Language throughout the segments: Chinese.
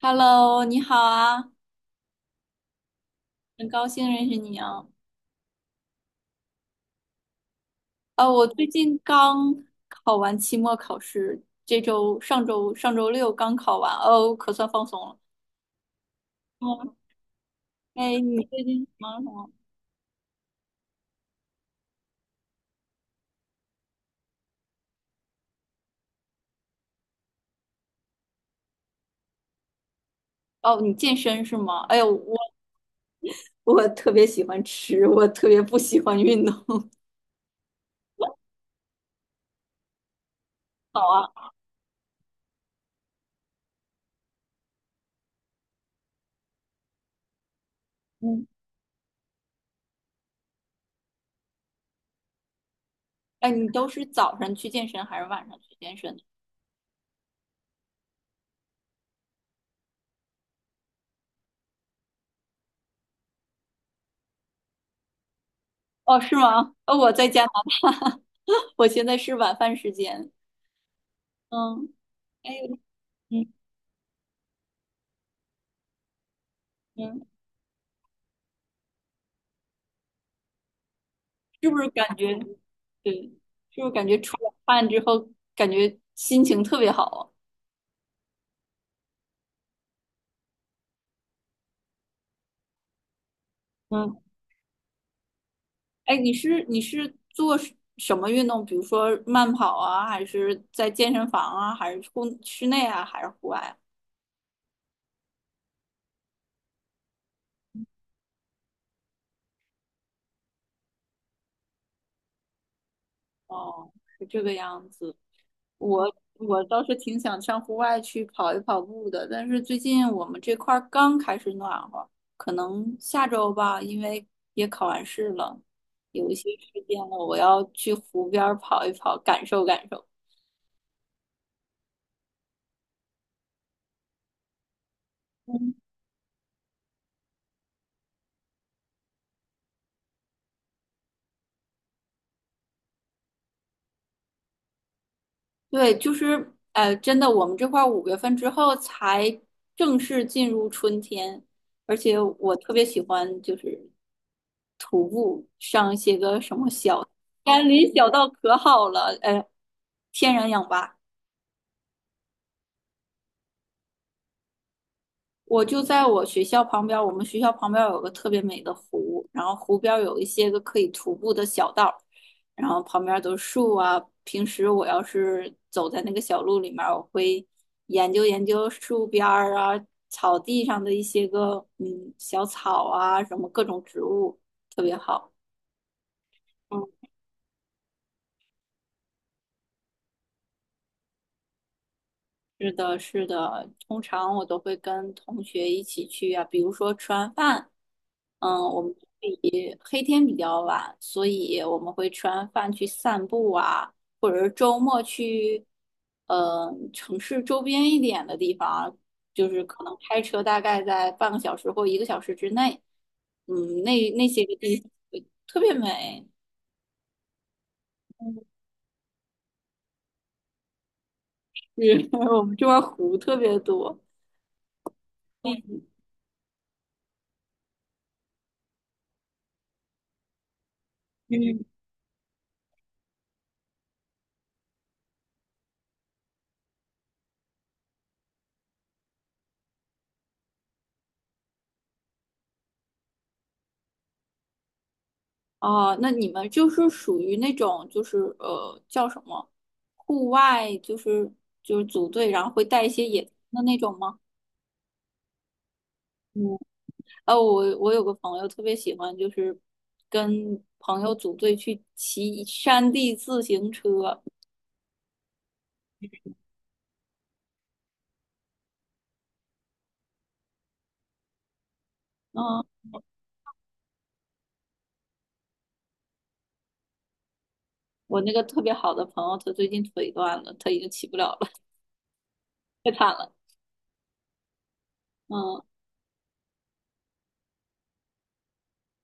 Hello,你好啊，很高兴认识你啊。哦，我最近刚考完期末考试，这周上周上周六刚考完，哦，可算放松了。嗯，哎，你最近忙什么？哦，你健身是吗？哎呦，我特别喜欢吃，我特别不喜欢运动。好啊，嗯，哎，你都是早上去健身还是晚上去健身的？哦，是吗？哦，我在家，我现在是晚饭时间。嗯，哎，嗯嗯。是不是感觉，对，是不是感觉出了汗之后，感觉心情特别好？啊嗯，哎，你是做什么运动？比如说慢跑啊，还是在健身房啊，还是户室内啊，还是户外啊？哦，是这个样子。我我倒是挺想上户外去跑一跑步的，但是最近我们这块儿刚开始暖和，可能下周吧，因为也考完试了，有一些时间了，我要去湖边儿跑一跑，感受感受。对，就是呃，真的，我们这块儿五月份之后才正式进入春天，而且我特别喜欢就是徒步上一些个什么小山林小道，可好了，呃，天然氧吧。我就在我们学校旁边有个特别美的湖，然后湖边有一些个可以徒步的小道，然后旁边都是树啊。平时我要是走在那个小路里面我会研究研究树边儿啊、草地上的一些个嗯小草啊，什么各种植物，特别好。嗯，是的，是的，通常我都会跟同学一起去啊，比如说吃完饭。嗯，我们黑天比较晚，所以我们会吃完饭去散步啊，或者是周末去，呃，城市周边一点的地方，就是可能开车大概在半个小时或一个小时之内，嗯，那那些个地方特别美，是。 我们这边儿湖特别多。嗯，哦，那你们就是属于那种，就是呃，叫什么，户外，就是组队，然后会带一些野餐的那种吗？哦，我有个朋友特别喜欢，就是跟朋友组队去骑山地自行车。嗯，我那个特别好的朋友，他最近腿断了，他已经骑不了了，太惨了。嗯，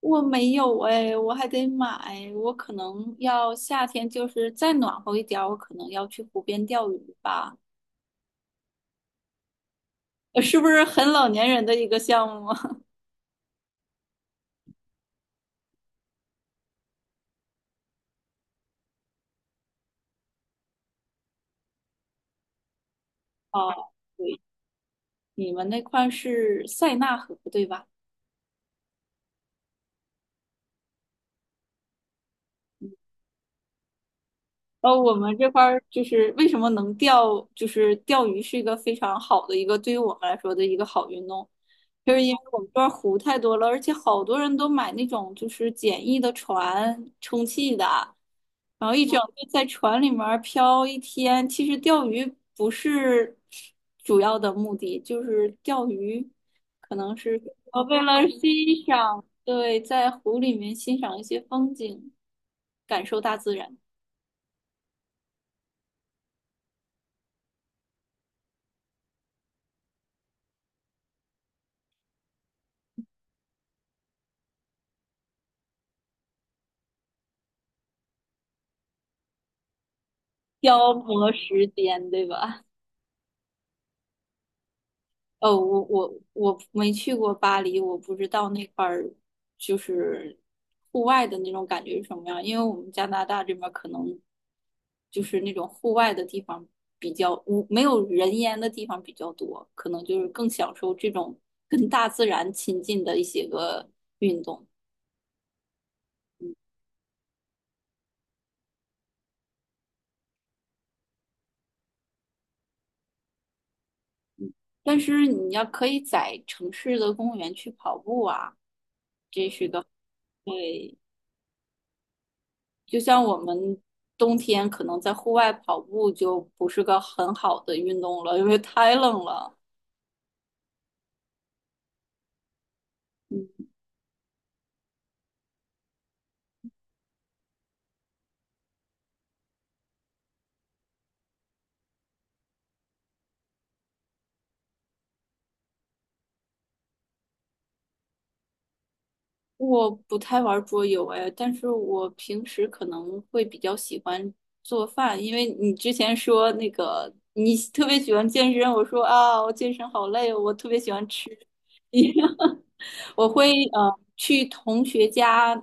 我没有哎，我还得买，我可能要夏天就是再暖和一点儿，我可能要去湖边钓鱼吧。呃，是不是很老年人的一个项目啊？哦，对，你们那块儿是塞纳河对吧？呃，我们这块儿就是为什么能钓，就是钓鱼是一个非常好的一个对于我们来说的一个好运动，就是因为我们这儿湖太多了，而且好多人都买那种就是简易的船，充气的，然后一整天在船里面儿漂一天。其实钓鱼不是主要的目的，就是钓鱼可能是呃为了欣赏，对，在湖里面欣赏一些风景，感受大自然。消磨时间，对吧？哦，我没去过巴黎，我不知道那块儿就是户外的那种感觉是什么样，因为我们加拿大这边儿可能就是那种户外的地方比较无，没有人烟的地方比较多，可能就是更享受这种跟大自然亲近的一些个运动。嗯，但是你要可以在城市的公园去跑步啊。对，就像我们冬天可能在户外跑步就不是个很好的运动了，因为太冷了。嗯，我不太玩桌游哎，但是我平时可能会比较喜欢做饭，因为你之前说那个你特别喜欢健身，我说啊，我健身好累哦，我特别喜欢吃。我会呃去同学家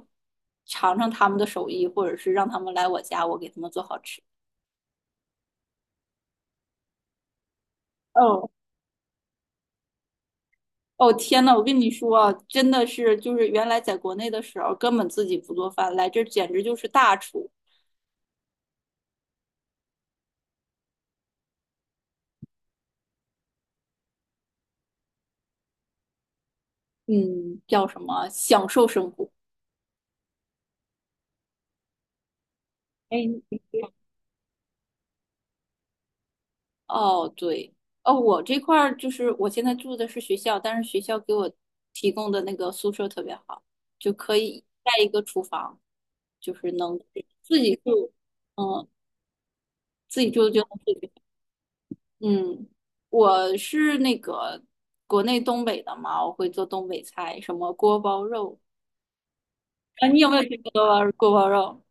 尝尝他们的手艺，或者是让他们来我家，我给他们做好吃。哦。哦天呐，我跟你说啊，真的是，就是原来在国内的时候根本自己不做饭，来这儿简直就是大厨，嗯，叫什么享受生活。哎，你哦，对，哦，我这块儿就是我现在住的是学校，但是学校给我提供的那个宿舍特别好，就可以带一个厨房，就是能自己住，嗯，自己住就能自己。嗯，我是那个国内东北的嘛，我会做东北菜，什么锅包肉啊，你有没有吃过锅包肉？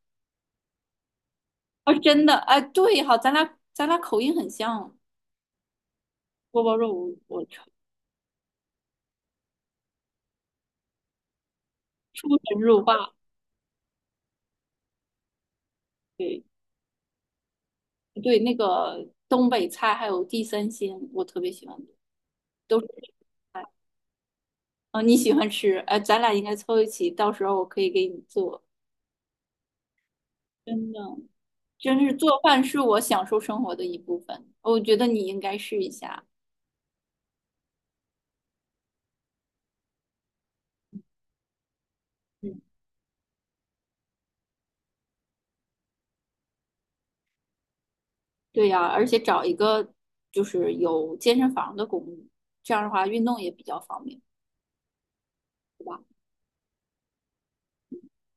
啊，真的，哎，对，好，咱俩口音很像，锅包肉我出出神入化，对对，那个东北菜还有地三鲜，我特别喜欢，都是，哦，你喜欢吃，哎，咱俩应该凑一起，到时候我可以给你做，真的。真是做饭是我享受生活的一部分，我觉得你应该试一下。嗯。对呀，而且找一个就是有健身房的公寓，这样的话运动也比较方便，对吧？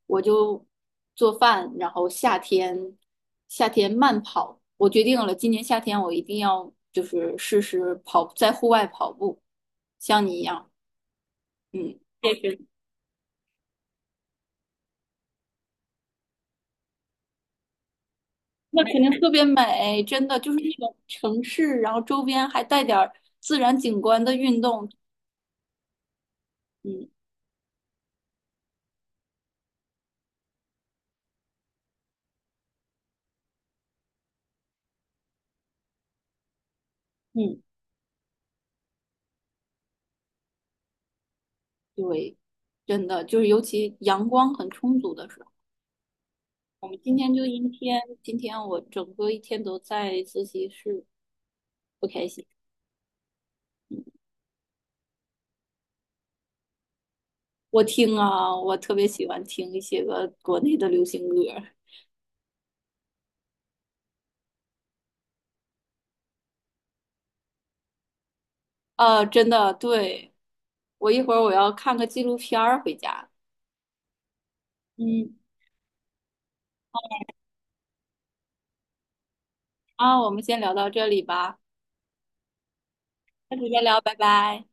我就做饭，然后夏天慢跑，我决定了，今年夏天我一定要就是试试跑，在户外跑步，像你一样，嗯，健身，那肯定特别美，真的就是那种城市，然后周边还带点儿自然景观的运动，嗯嗯，对，真的就是尤其阳光很充足的时候。我们今天就阴天，今天我整个一天都在自习室，不开心。我听啊，我特别喜欢听一些个国内的流行歌啊，呃真的，对，我一会儿我要看个纪录片儿回家。嗯，啊，我们先聊到这里吧，下次再聊，拜拜。